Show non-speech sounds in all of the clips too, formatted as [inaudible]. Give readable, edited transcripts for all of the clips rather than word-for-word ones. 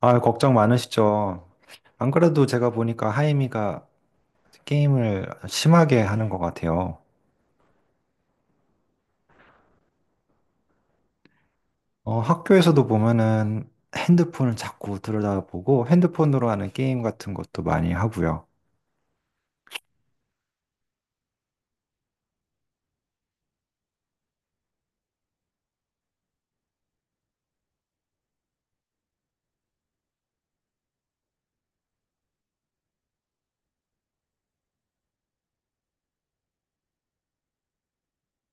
아, 걱정 많으시죠? 안 그래도 제가 보니까 하이미가 게임을 심하게 하는 것 같아요. 학교에서도 보면은 핸드폰을 자꾸 들여다보고 핸드폰으로 하는 게임 같은 것도 많이 하고요.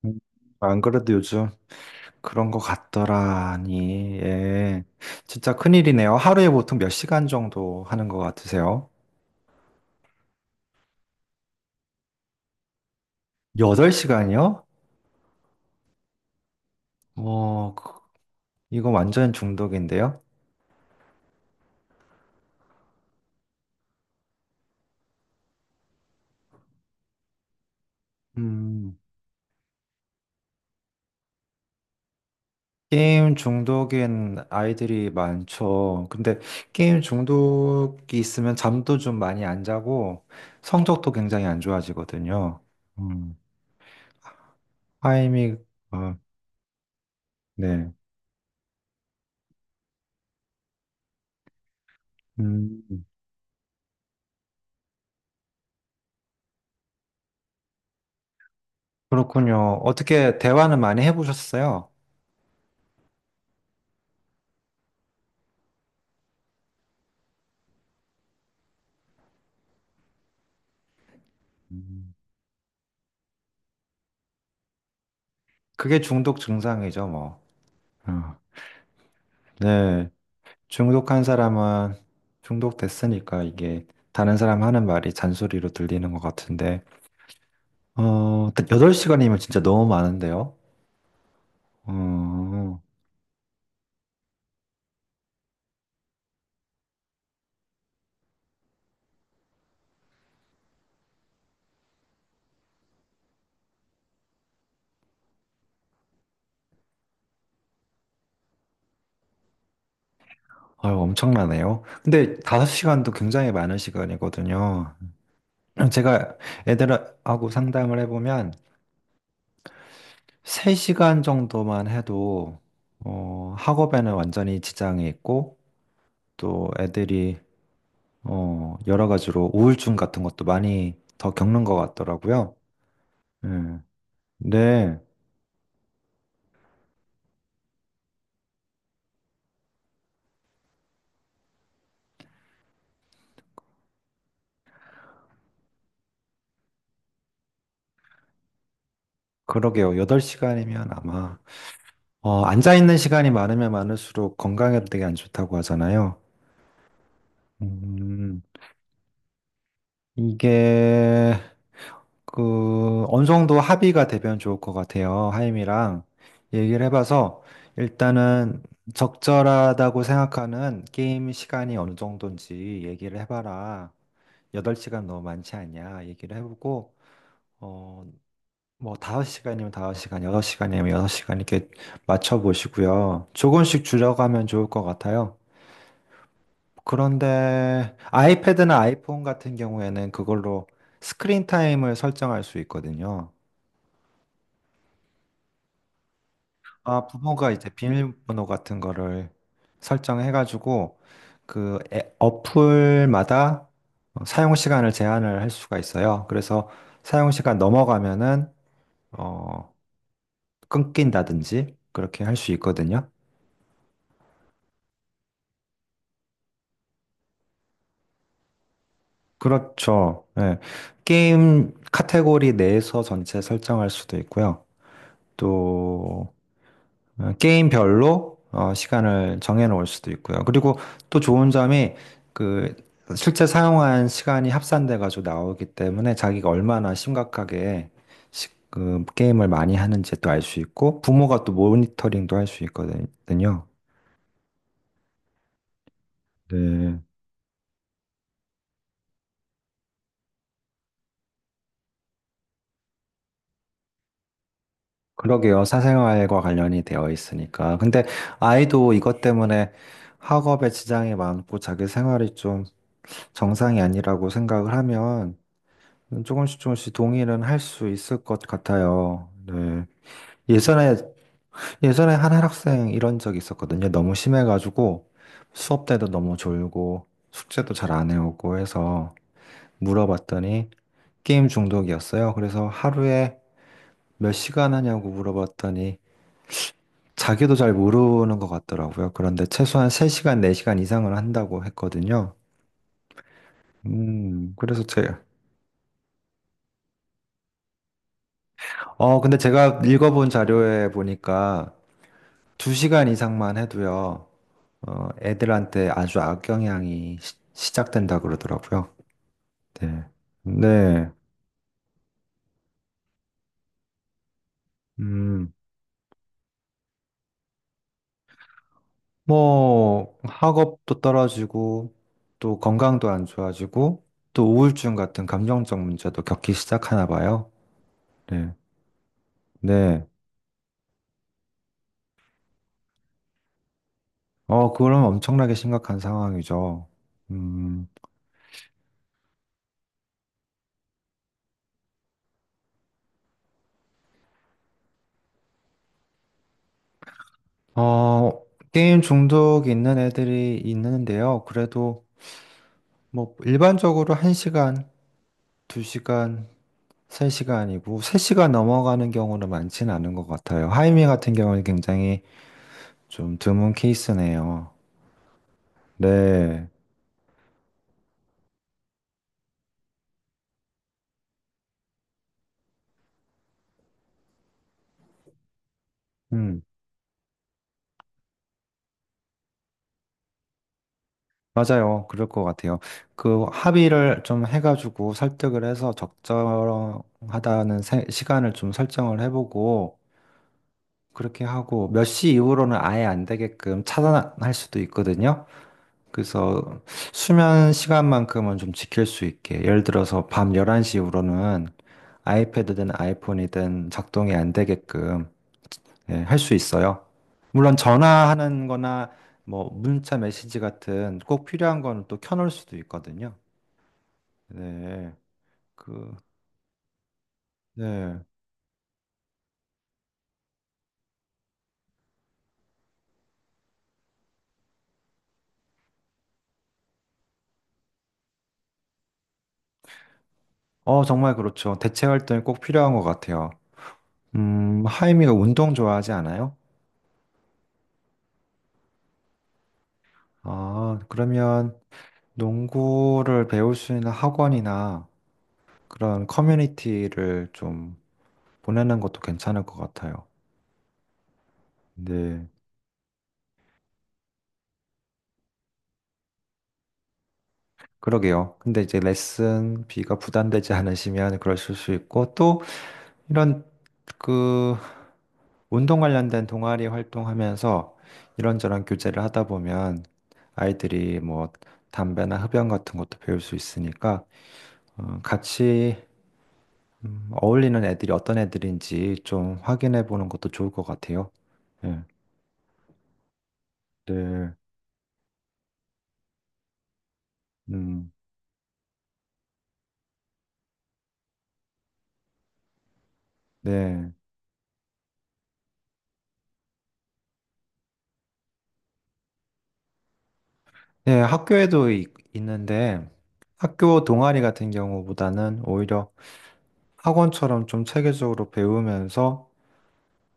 음, 안 그래도 요즘 그런 것 같더라니, 예. 진짜 큰일이네요. 하루에 보통 몇 시간 정도 하는 것 같으세요? 8시간이요? 어, 그- 이거 완전 중독인데요? 음. 게임 중독인 아이들이 많죠. 근데 게임 중독이 있으면 잠도 좀 많이 안 자고 성적도 굉장히 안 좋아지거든요. 음, 이 어, 네. 음, 그렇군요. 어떻게 대화는 많이 해보셨어요? 음, 그게 중독 증상이죠, 뭐. 어, 네. 중독한 사람은 중독됐으니까 이게 다른 사람 하는 말이 잔소리로 들리는 것 같은데. 8시간이면 진짜 너무 많은데요? 어, 아유, 엄청나네요. 근데 5시간도 굉장히 많은 시간이거든요. 제가 애들하고 상담을 해보면 3시간 정도만 해도 학업에는 완전히 지장이 있고 또 애들이 여러 가지로 우울증 같은 것도 많이 더 겪는 것 같더라고요. 음, 네, 네, 그러게요. 8시간이면 아마 앉아있는 시간이 많으면 많을수록 건강에도 되게 안 좋다고 하잖아요. 음, 이게 그 어느 정도 합의가 되면 좋을 것 같아요. 하임이랑 얘기를 해봐서 일단은 적절하다고 생각하는 게임 시간이 어느 정도인지 얘기를 해봐라. 8시간 너무 많지 않냐 얘기를 해보고 어 뭐 5시간이면 5시간, 6시간이면 6시간 이렇게 맞춰 보시고요. 조금씩 줄여가면 좋을 것 같아요. 그런데 아이패드나 아이폰 같은 경우에는 그걸로 스크린 타임을 설정할 수 있거든요. 아, 부모가 이제 비밀번호 같은 거를 설정해가지고 그 어플마다 사용 시간을 제한을 할 수가 있어요. 그래서 사용 시간 넘어가면은 어, 끊긴다든지 그렇게 할 수 있거든요. 그렇죠. 예. 게임 카테고리 내에서 전체 설정할 수도 있고요. 또 게임별로 시간을 정해놓을 수도 있고요. 그리고 또 좋은 점이 그 실제 사용한 시간이 합산돼가지고 나오기 때문에 자기가 얼마나 심각하게 그 게임을 많이 하는지 또 알 수 있고 부모가 또 모니터링도 할 수 있거든요. 네. 그러게요. 사생활과 관련이 되어 있으니까. 근데 아이도 이것 때문에 학업에 지장이 많고 자기 생활이 좀 정상이 아니라고 생각을 하면 조금씩 조금씩 동의는 할 수 있을 것 같아요. 네. 예전에, 예전에 한 학생 이런 적이 있었거든요. 너무 심해가지고 수업 때도 너무 졸고 숙제도 잘 안 해오고 해서 물어봤더니 게임 중독이었어요. 그래서 하루에 몇 시간 하냐고 물어봤더니 자기도 잘 모르는 것 같더라고요. 그런데 최소한 3시간, 4시간 이상을 한다고 했거든요. 음, 그래서 제, 근데 제가 읽어본 자료에 보니까 두 시간 이상만 해도요, 애들한테 아주 악영향이 시 작된다 그러더라고요. 네. 네. 음, 뭐, 학업도 떨어지고, 또 건강도 안 좋아지고, 또 우울증 같은 감정적 문제도 겪기 시작하나 봐요. 네. 네. 그럼 엄청나게 심각한 상황이죠. 음, 어, 게임 중독이 있는 애들이 있는데요. 그래도 뭐 일반적으로 1시간, 2시간 3시간이고, 3시간 넘어가는 경우는 많지는 않은 것 같아요. 하이미 같은 경우는 굉장히 좀 드문 케이스네요. 네. 음, 맞아요. 그럴 것 같아요. 그 합의를 좀 해가지고 설득을 해서 적절하다는 시간을 좀 설정을 해보고, 그렇게 하고, 몇 시 이후로는 아예 안 되게끔 차단할 수도 있거든요. 그래서 수면 시간만큼은 좀 지킬 수 있게. 예를 들어서 밤 11시 이후로는 아이패드든 아이폰이든 작동이 안 되게끔 예, 할수 있어요. 물론 전화하는 거나 뭐 문자 메시지 같은 꼭 필요한 거는 또 켜놓을 수도 있거든요. 네. 그, 네. 정말 그렇죠. 대체 활동이 꼭 필요한 것 같아요. 하이미가 운동 좋아하지 않아요? 아, 그러면 농구를 배울 수 있는 학원이나 그런 커뮤니티를 좀 보내는 것도 괜찮을 것 같아요. 네, 그러게요. 근데 이제 레슨비가 부담되지 않으시면 그러실 수 있고, 또 이런 그 운동 관련된 동아리 활동하면서 이런저런 교제를 하다 보면 아이들이 뭐 담배나 흡연 같은 것도 배울 수 있으니까, 같이 어울리는 애들이 어떤 애들인지 좀 확인해 보는 것도 좋을 것 같아요. 예, 네, 음, 네. 네, 학교에도 있는데 학교 동아리 같은 경우보다는 오히려 학원처럼 좀 체계적으로 배우면서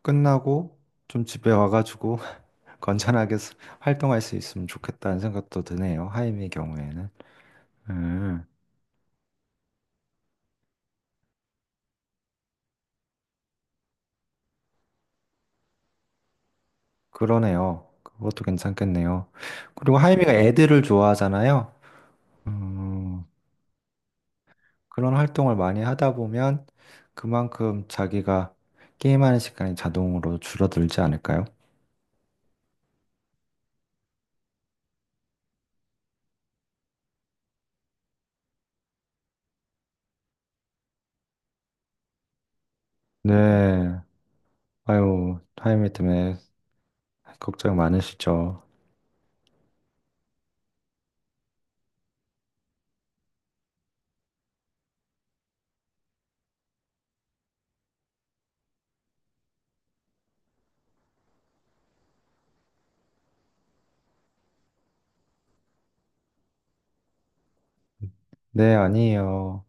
끝나고 좀 집에 와가지고 [laughs] 건전하게 활동할 수 있으면 좋겠다는 생각도 드네요. 하임의 경우에는. 음, 그러네요. 그것도 괜찮겠네요. 그리고 하임이가 애들을 좋아하잖아요. 음, 그런 활동을 많이 하다 보면 그만큼 자기가 게임하는 시간이 자동으로 줄어들지 않을까요? 네. 아유, 타이밍 때문에 걱정 많으시죠? 네, 아니에요.